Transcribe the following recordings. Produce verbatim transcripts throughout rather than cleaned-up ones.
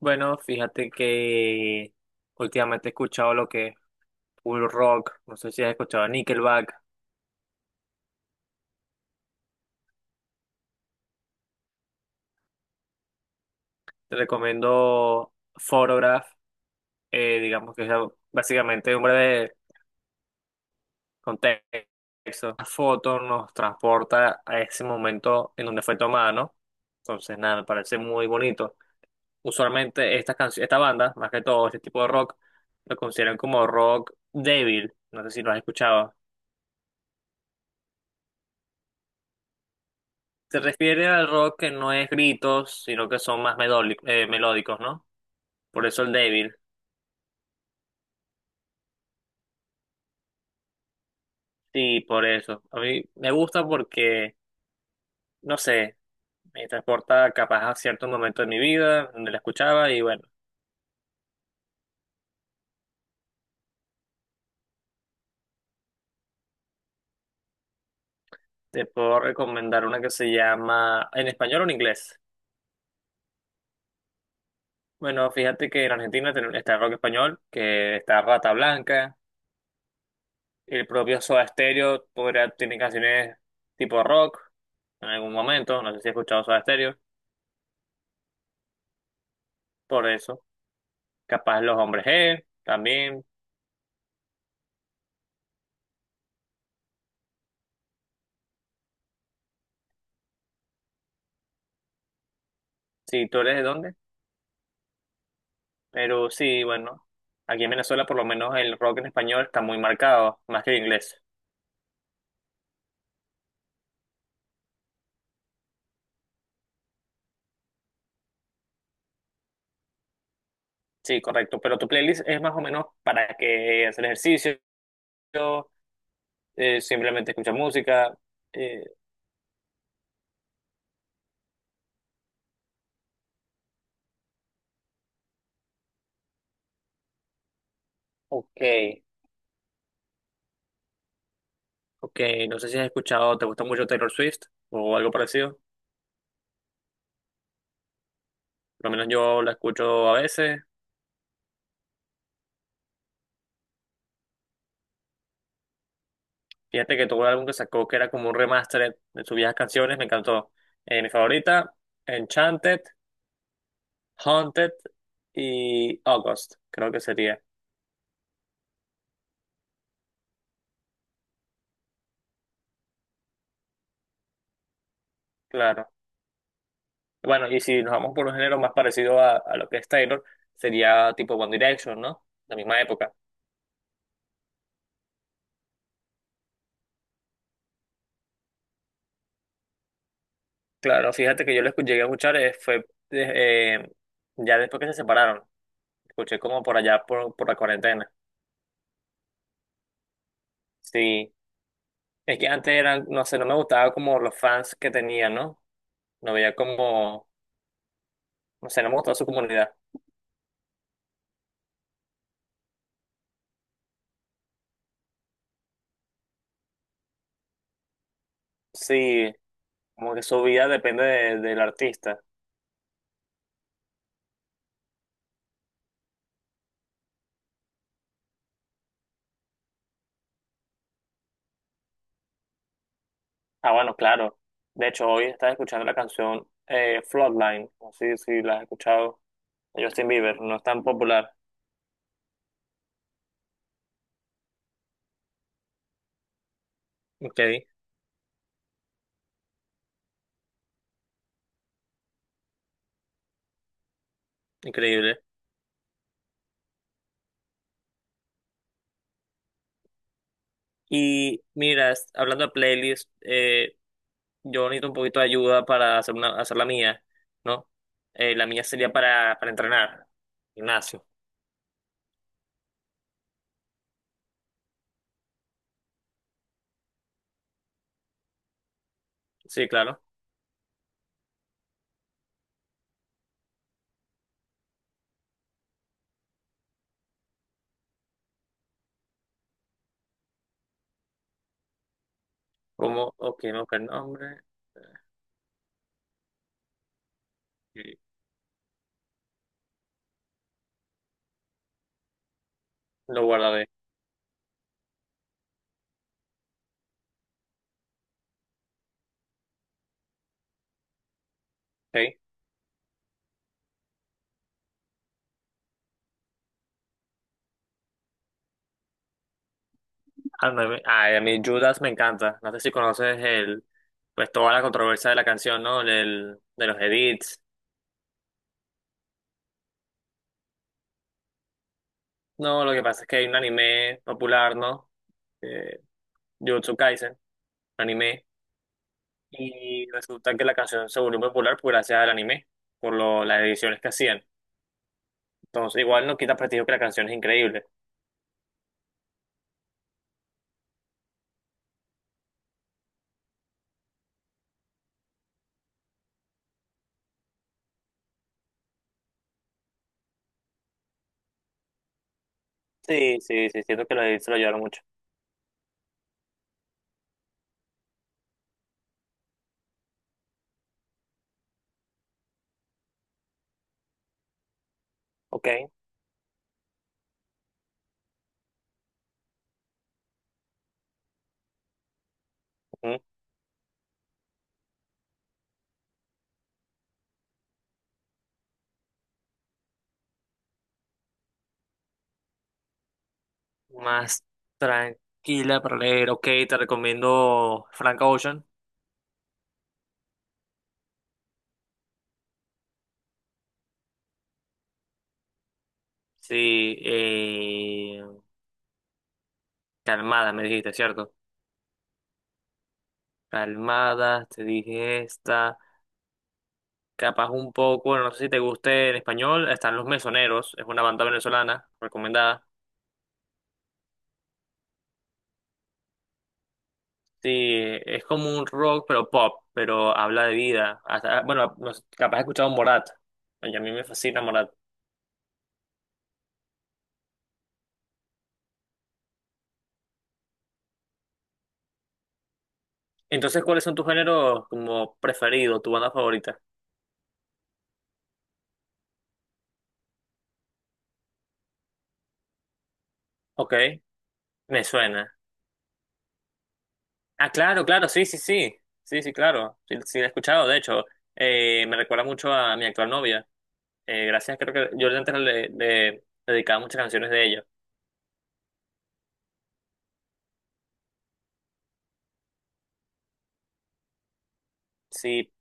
Bueno, fíjate que últimamente he escuchado lo que es full rock, no sé si has escuchado a Nickelback, te recomiendo Photograph, eh, digamos que es básicamente un breve contexto. La foto nos transporta a ese momento en donde fue tomada, ¿no? Entonces, nada, me parece muy bonito. Usualmente estas canciones, esta banda, más que todo este tipo de rock, lo consideran como rock débil, no sé si lo has escuchado. Se refiere al rock que no es gritos, sino que son más medoli- eh, melódicos, ¿no? Por eso el débil. Sí, por eso. A mí me gusta porque, no sé, me transporta capaz a cierto momento de mi vida donde la escuchaba y bueno, te puedo recomendar una que se llama en español o en inglés. Bueno, fíjate que en Argentina ten- está el rock español, que está Rata Blanca, el propio Soda Stereo podría, tiene canciones tipo rock en algún momento, no sé si has escuchado Soda Stereo, por eso. Capaz los hombres G, también, si tú eres de dónde, pero sí, bueno, aquí en Venezuela por lo menos el rock en español está muy marcado, más que el inglés. Sí, correcto, pero tu playlist es más o menos para que hacer ejercicio, eh, simplemente escuchar música. eh, ok, ok, no sé si has escuchado, ¿te gusta mucho Taylor Swift o algo parecido? Por lo menos yo la escucho a veces. Fíjate que tuvo un álbum que sacó que era como un remaster de sus viejas canciones, me encantó. Eh, mi favorita, Enchanted. Haunted y August, creo que sería, claro. Bueno, y si nos vamos por un género más parecido a, a lo que es Taylor, sería tipo One Direction, ¿no? La misma época. Claro, fíjate que yo lo escu- llegué a escuchar, eh, fue de- eh, ya después que se separaron. Escuché como por allá, por, por la cuarentena. Sí, es que antes eran, no sé, no me gustaba como los fans que tenía, ¿no? No veía como, no sé, no me gustaba su comunidad. Sí, como que su vida depende de- del artista. Ah, bueno, claro. De hecho, hoy estás escuchando la canción eh, Floodline. No sé si la has escuchado. De Justin Bieber, no es tan popular. Ok, increíble. Y mira, es- hablando de playlist, eh, yo necesito un poquito de ayuda para hacer, una, hacer la mía, ¿no? Eh, la mía sería para, para entrenar. Gimnasio. Sí, claro. Cómo ok, no, buscar el nombre. Y lo guardaré. Ok. Ah no ay, a mí Judas me encanta. No sé si conoces el, pues toda la controversia de la canción, ¿no? Del, de los edits. No, lo que pasa es que hay un anime popular, ¿no? Eh, Jujutsu Kaisen, anime. Y resulta que la canción se volvió popular por gracias al anime, por lo, las ediciones que hacían. Entonces, igual no quita prestigio que la canción es increíble. Sí, sí, sí, siento que los edits se lo ayudaron mucho. Ok. Ujú. Más tranquila para leer. Ok, te recomiendo Frank Ocean. Sí, eh, calmada, me dijiste, ¿cierto? Calmada, te dije esta. Capaz un poco, bueno, no sé si te guste en español, están Los Mesoneros, es una banda venezolana recomendada. Sí, es como un rock, pero pop, pero habla de vida. Hasta- bueno, no sé, capaz has escuchado Morat, y a mí me fascina Morat. Entonces, ¿cuáles son tus géneros como preferidos, tu banda favorita? Ok, me suena. Ah, claro, claro, sí, sí, sí. Sí, sí, claro. Sí, sí, la he escuchado. De hecho, eh, me recuerda mucho a mi actual novia. Eh, gracias, creo que yo antes le, le dedicaba muchas canciones de ellos. Sí,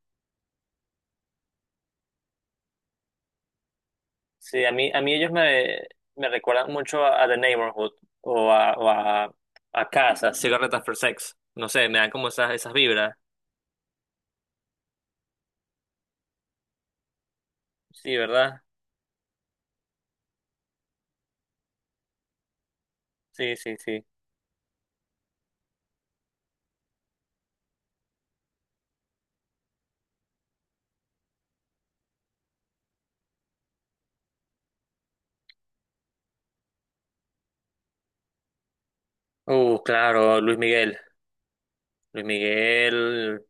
sí, a mí, a mí ellos me, me recuerdan mucho a, a The Neighborhood o a, o a, a Casa, Cigarette After Sex. No sé, me dan como esas, esas vibras. Sí, ¿verdad? Sí, sí, sí. Uh, claro, Luis Miguel. Luis Miguel,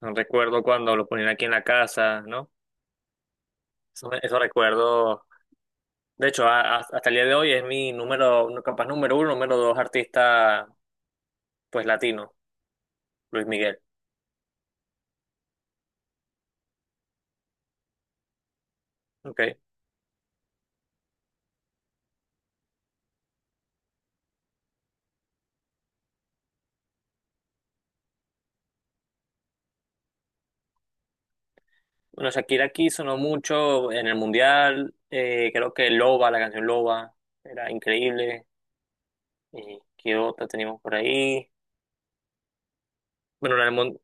no recuerdo cuando lo ponían aquí en la casa, ¿no? Eso, eso recuerdo. De hecho, a- a- hasta el día de hoy es mi número, capaz número uno, número dos artista, pues latino, Luis Miguel. Okay. Bueno, Shakira aquí sonó mucho en el Mundial, eh, creo que Loba, la canción Loba, era increíble. Y ¿qué otra teníamos por ahí? Bueno, la del mun-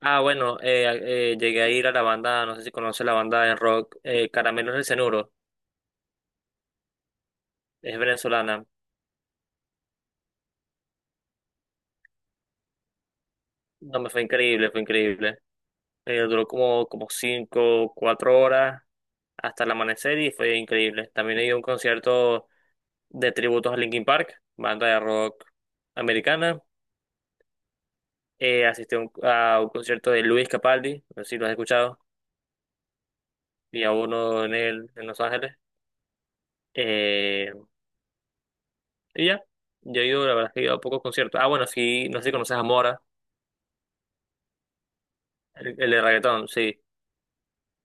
ah, bueno, eh, eh, llegué a ir a la banda, no sé si conoce la banda de rock, eh, Caramelos del Cenuro, es venezolana. No, me fue increíble, fue increíble. Eh, duró como, como cinco, cuatro horas hasta el amanecer y fue increíble. También he ido a un concierto de tributos a Linkin Park, banda de rock americana. Eh, asistí a un, a un concierto de Luis Capaldi, no sé si lo has escuchado, y a uno en el, en Los Ángeles. Eh, y ya, yo he ido, la verdad es que he ido a pocos conciertos. Ah, bueno, sí, no sé si conoces a Mora, el, el de reggaetón, sí.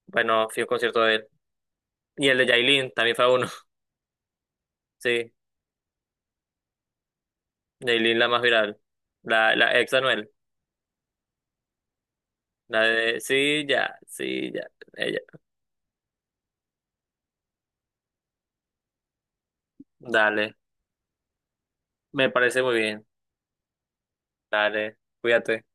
Bueno, fui a un concierto de él. Y el de Yailin, también fue a uno, sí. Yailin, la más viral. La, la ex Anuel. La de, sí, ya, sí, ya, ella. Dale. Me parece muy bien. Dale, cuídate.